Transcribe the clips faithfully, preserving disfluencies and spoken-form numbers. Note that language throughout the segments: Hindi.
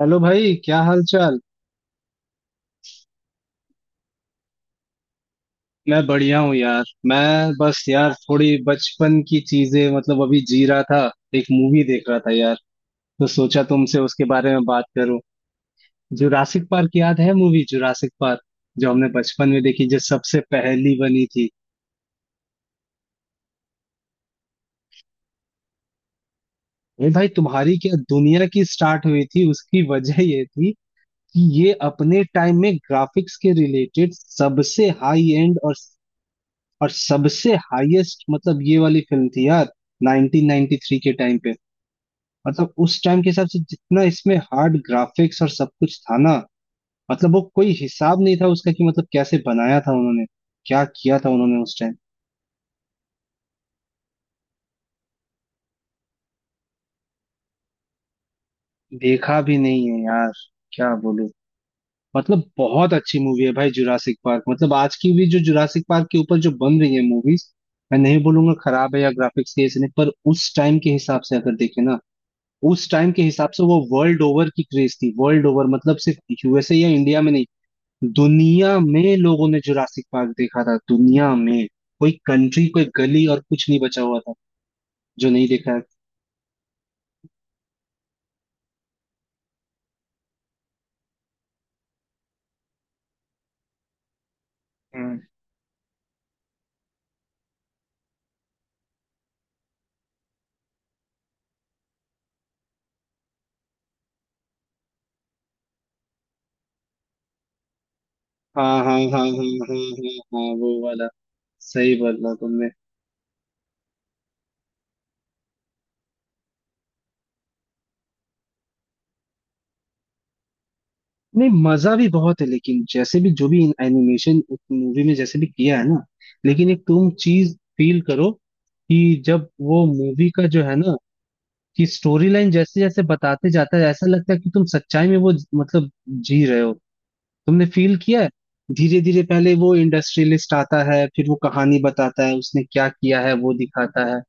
हेलो भाई, क्या हाल चाल। मैं बढ़िया हूँ यार। मैं बस यार थोड़ी बचपन की चीजें मतलब अभी जी रहा था। एक मूवी देख रहा था यार, तो सोचा तुमसे उसके बारे में बात करूं। जुरासिक पार्क याद है, मूवी जुरासिक पार्क, जो हमने बचपन में देखी, जो सबसे पहली बनी थी। अरे भाई, तुम्हारी क्या दुनिया की स्टार्ट हुई थी, उसकी वजह ये थी कि ये अपने टाइम में ग्राफिक्स के रिलेटेड सबसे हाई एंड और और सबसे हाईएस्ट मतलब ये वाली फिल्म थी यार, नाइन्टीन नाइन्टी थ्री के टाइम पे। मतलब उस टाइम के हिसाब से जितना इसमें हार्ड ग्राफिक्स और सब कुछ था ना, मतलब वो कोई हिसाब नहीं था उसका कि मतलब कैसे बनाया था उन्होंने, क्या किया था उन्होंने उस टाइम। देखा भी नहीं है यार, क्या बोलूं। मतलब बहुत अच्छी मूवी है भाई जुरासिक पार्क। मतलब आज की भी जो जुरासिक पार्क के ऊपर जो बन रही है मूवीज, मैं नहीं बोलूंगा खराब है या ग्राफिक्स के ऐसे नहीं, पर उस टाइम के हिसाब से अगर देखे ना, उस टाइम के हिसाब से वो वर्ल्ड ओवर की क्रेज थी। वर्ल्ड ओवर मतलब सिर्फ यूएसए या इंडिया में नहीं, दुनिया में लोगों ने जुरासिक पार्क देखा था। दुनिया में कोई कंट्री कोई गली और कुछ नहीं बचा हुआ था जो नहीं देखा है। हम्म हाँ हाँ हाँ हाँ हाँ हाँ हाँ, वो वाला। सही बोला तुमने। नहीं, मजा भी बहुत है, लेकिन जैसे भी जो भी एनिमेशन उस मूवी में जैसे भी किया है ना, लेकिन एक तुम चीज फील करो कि जब वो मूवी का जो है ना कि स्टोरी लाइन जैसे जैसे बताते जाता है, ऐसा लगता है कि तुम सच्चाई में वो ज- मतलब जी रहे हो। तुमने फील किया है। धीरे धीरे पहले वो इंडस्ट्रियलिस्ट आता है, फिर वो कहानी बताता है, उसने क्या किया है वो दिखाता है।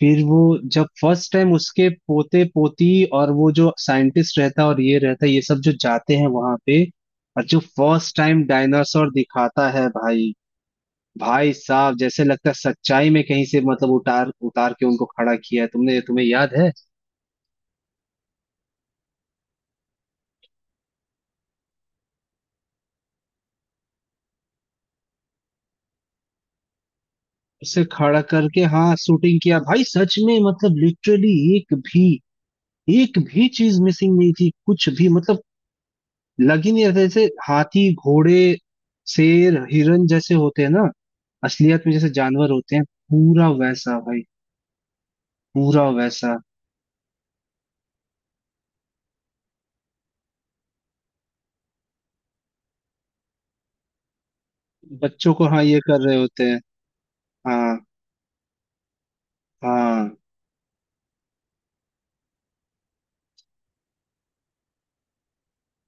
फिर वो जब फर्स्ट टाइम उसके पोते पोती और वो जो साइंटिस्ट रहता है और ये रहता है, ये सब जो जाते हैं वहां पे, और जो फर्स्ट टाइम डायनासोर दिखाता है भाई, भाई साहब जैसे लगता है सच्चाई में कहीं से मतलब उतार उतार के उनको खड़ा किया है तुमने। तुम्हें याद है, उसे खड़ा करके हाँ शूटिंग किया भाई। सच में, मतलब लिटरली एक भी, एक भी चीज मिसिंग नहीं थी, कुछ भी मतलब। लग ही नहीं रहा था, जैसे हाथी घोड़े शेर हिरन जैसे होते हैं ना, असलियत में जैसे जानवर होते हैं, पूरा वैसा भाई, पूरा वैसा। बच्चों को हाँ, ये कर रहे होते हैं। हाँ हाँ।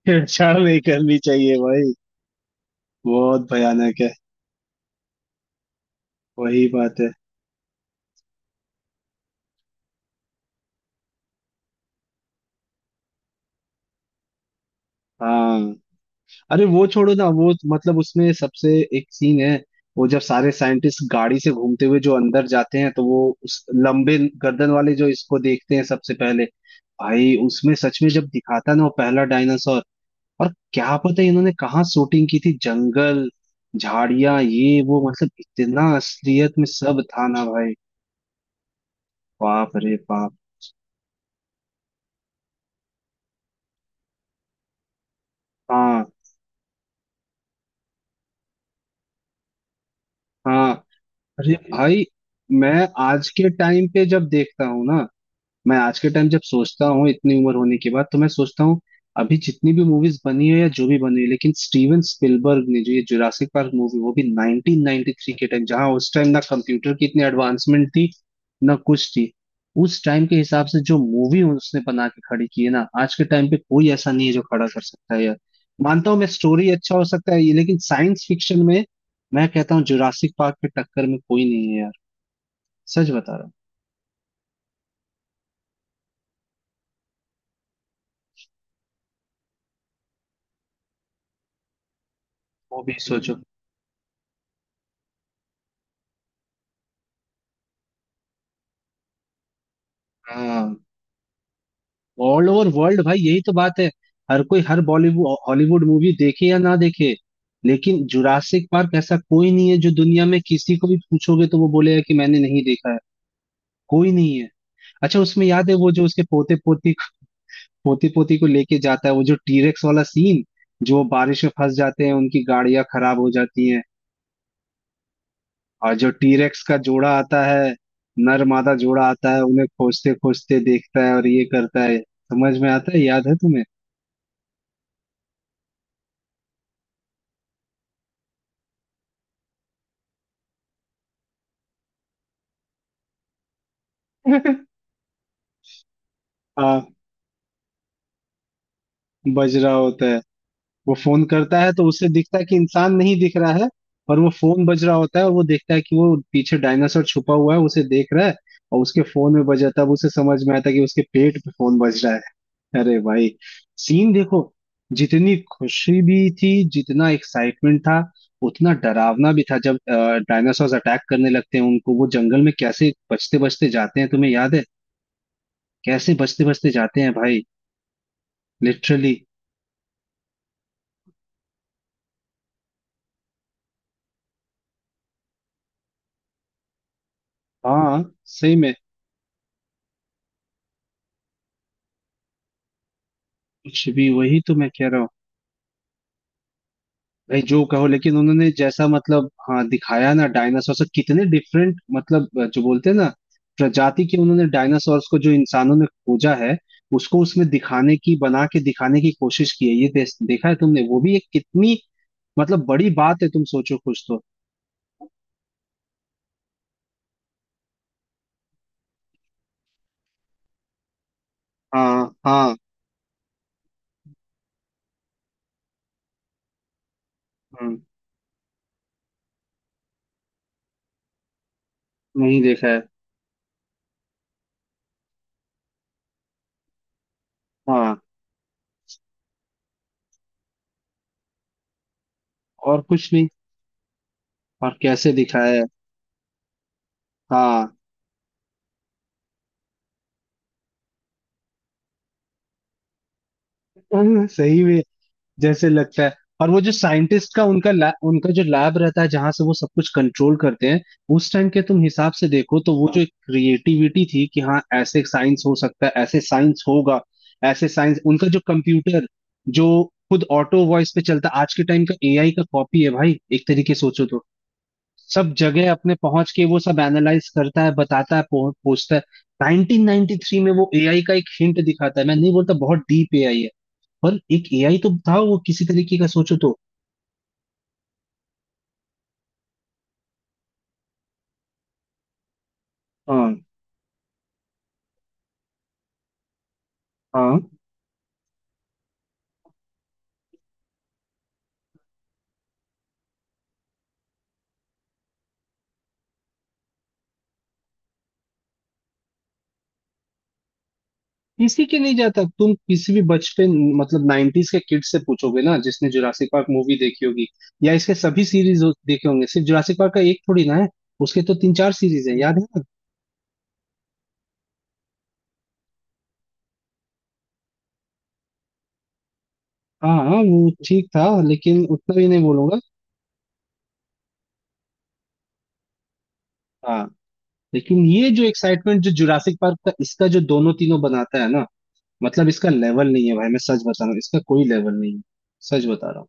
छेड़छाड़ नहीं करनी चाहिए भाई, बहुत भयानक है। वही बात है। हाँ, अरे वो छोड़ो ना, वो मतलब उसमें सबसे एक सीन है, वो जब सारे साइंटिस्ट गाड़ी से घूमते हुए जो अंदर जाते हैं तो वो उस लंबे गर्दन वाले जो इसको देखते हैं सबसे पहले, भाई उसमें सच में जब दिखाता ना वो पहला डायनासोर, और क्या पता इन्होंने कहाँ शूटिंग की थी, जंगल झाड़ियां ये वो, मतलब इतना असलियत में सब था ना भाई। बाप रे बाप। हाँ हाँ। अरे भाई, मैं आज के टाइम पे जब देखता हूँ ना, मैं आज के टाइम जब सोचता हूँ इतनी उम्र होने के बाद, तो मैं सोचता हूँ अभी जितनी भी मूवीज बनी है या जो भी बनी है, लेकिन स्टीवन स्पिलबर्ग ने जो ये जुरासिक पार्क मूवी, वो भी नाइन्टीन नाइन्टी थ्री के टाइम, जहाँ उस टाइम ना कंप्यूटर की इतनी एडवांसमेंट थी ना कुछ थी, उस टाइम के हिसाब से जो मूवी उसने बना के खड़ी की है ना, आज के टाइम पे कोई ऐसा नहीं है जो खड़ा कर सकता है यार। मानता हूँ मैं, स्टोरी अच्छा हो सकता है ये, लेकिन साइंस फिक्शन में मैं कहता हूँ जुरासिक पार्क के टक्कर में कोई नहीं है यार। सच बता रहा हूँ। वो भी सोचो। हाँ, ऑल ओवर वर्ल्ड भाई, यही तो बात है। हर कोई, हर बॉलीवुड हॉलीवुड मूवी देखे या ना देखे, लेकिन जुरासिक पार्क ऐसा कोई नहीं है जो दुनिया में किसी को भी पूछोगे तो वो बोलेगा कि मैंने नहीं देखा है। कोई नहीं है। अच्छा, उसमें याद है वो जो उसके पोते पोती, पोते पोती को लेके जाता है, वो जो टीरेक्स वाला सीन, जो बारिश में फंस जाते हैं, उनकी गाड़ियां खराब हो जाती हैं, और जो टीरेक्स का जोड़ा आता है, नर मादा जोड़ा आता है, उन्हें खोजते खोजते देखता है और ये करता है, समझ में आता है, याद है तुम्हें? बज रहा होता है। वो फोन करता है तो उसे दिखता है कि इंसान नहीं दिख रहा है, पर वो फोन बज रहा होता है, और वो देखता है कि वो पीछे डायनासोर छुपा हुआ है, उसे देख रहा है, और उसके फोन में बजा तब उसे समझ में आता है कि उसके पेट पे फोन बज रहा है। अरे भाई, सीन देखो। जितनी खुशी भी थी, जितना एक्साइटमेंट था, उतना डरावना भी था जब डायनासोर अटैक करने लगते हैं उनको। वो जंगल में कैसे बचते बचते जाते हैं, तुम्हें याद है? कैसे बचते बचते जाते हैं भाई, लिटरली। हाँ, सही में। कुछ भी, वही तो मैं कह रहा हूँ। भाई जो कहो, लेकिन उन्होंने जैसा, मतलब हाँ दिखाया ना डायनासोर से कितने डिफरेंट, मतलब जो बोलते हैं ना प्रजाति के, उन्होंने डायनासोर्स को जो इंसानों ने खोजा है उसको उसमें दिखाने की, बना के दिखाने की कोशिश की है, ये दे, देखा है तुमने? वो भी एक कितनी मतलब बड़ी बात है, तुम सोचो कुछ तो। हाँ हाँ। हम्म, नहीं देखा है। हाँ। और कुछ नहीं। और कैसे दिखाया है। हाँ। सही में। जैसे लगता है। और वो जो साइंटिस्ट का उनका ला, उनका जो लैब रहता है जहां से वो सब कुछ कंट्रोल करते हैं, उस टाइम के तुम हिसाब से देखो तो वो जो एक क्रिएटिविटी थी कि हाँ ऐसे साइंस हो सकता है, ऐसे साइंस होगा, ऐसे साइंस, उनका जो कंप्यूटर जो खुद ऑटो वॉइस पे चलता, आज के टाइम का एआई का कॉपी है भाई, एक तरीके से सोचो तो। सब जगह अपने पहुंच के वो सब एनालाइज करता है, बताता है, पो- पूछता है। नाइन्टीन नाइन्टी थ्री में वो एआई का एक हिंट दिखाता है, मैं नहीं बोलता बहुत डीप एआई है, पर एक एआई तो था वो, किसी तरीके का, सोचो तो। हाँ हाँ। किसी के नहीं जाता, तुम किसी भी बचपन, मतलब नाइनटीज के किड से पूछोगे ना जिसने जुरासिक पार्क मूवी देखी होगी, या इसके सभी सीरीज देखे होंगे, सिर्फ जुरासिक पार्क का एक थोड़ी ना है, उसके तो तीन चार सीरीज है याद है ना। हाँ हाँ, वो ठीक था, लेकिन उतना भी नहीं बोलूंगा। हाँ। लेकिन ये जो एक्साइटमेंट जो जुरासिक पार्क का, इसका जो दोनों तीनों बनाता है ना, मतलब इसका लेवल नहीं है भाई। मैं सच बता रहा हूँ, इसका कोई लेवल नहीं है। सच बता रहा हूँ।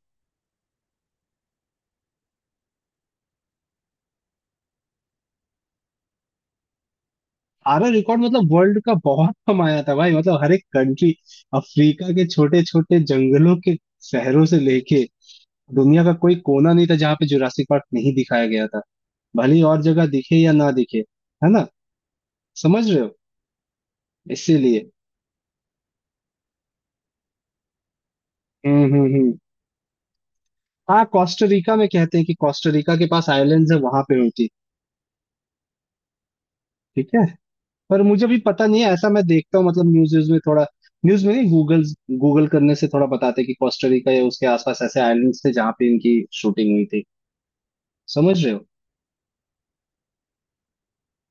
आरआर रिकॉर्ड, मतलब वर्ल्ड का बहुत कमाया था भाई, मतलब हर एक कंट्री, अफ्रीका के छोटे छोटे जंगलों के शहरों से लेके दुनिया का कोई कोना नहीं था जहाँ पे जुरासिक पार्क नहीं दिखाया गया था, भले ही और जगह दिखे या ना दिखे। है ना? समझ रहे हो? इसीलिए। हम्म हम्म हम्म। हाँ, कोस्टा रिका में, कहते हैं कि कोस्टा रिका के पास आइलैंड्स है, वहां पे हुई थी। ठीक है। पर मुझे भी पता नहीं है ऐसा, मैं देखता हूँ मतलब न्यूज व्यूज में थोड़ा, न्यूज में नहीं गूगल, गूगल करने से थोड़ा बताते हैं कि कोस्टा रिका या उसके आसपास ऐसे आइलैंड्स थे जहां पे इनकी शूटिंग हुई थी। समझ रहे हो?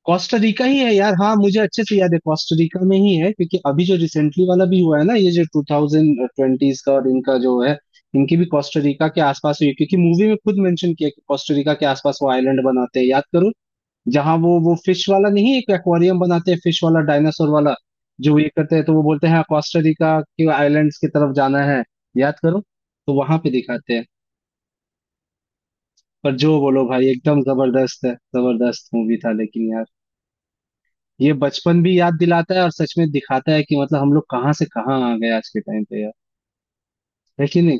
कोस्टा रिका ही है यार। हाँ मुझे अच्छे से याद है, कोस्टा रिका में ही है, क्योंकि अभी जो रिसेंटली वाला भी हुआ है ना, ये जो टू थाउजेंड ट्वेंटीज का और इनका जो है, इनकी भी कोस्टा रिका के आसपास हुई है, क्योंकि मूवी में खुद मेंशन किया कि कोस्टा रिका के आसपास वो आइलैंड बनाते हैं, याद करो, जहाँ वो वो फिश वाला नहीं, एक एक्वेरियम बनाते हैं, फिश वाला डायनासोर वाला जो, ये करते हैं तो वो बोलते हैं कोस्टा रिका के आइलैंड्स की तरफ जाना है, याद करो। तो वहां पे दिखाते हैं। पर जो बोलो भाई, एकदम जबरदस्त है, जबरदस्त मूवी था लेकिन यार, ये बचपन भी याद दिलाता है और सच में दिखाता है कि मतलब हम लोग कहाँ से कहाँ आ गए आज के टाइम पे यार। है कि नहीं?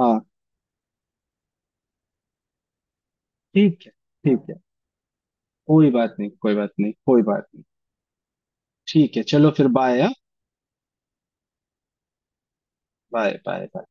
हाँ। ठीक है। ठीक है। कोई बात नहीं, कोई बात नहीं, कोई बात नहीं। ठीक है, चलो फिर बाय। Bye bye bye.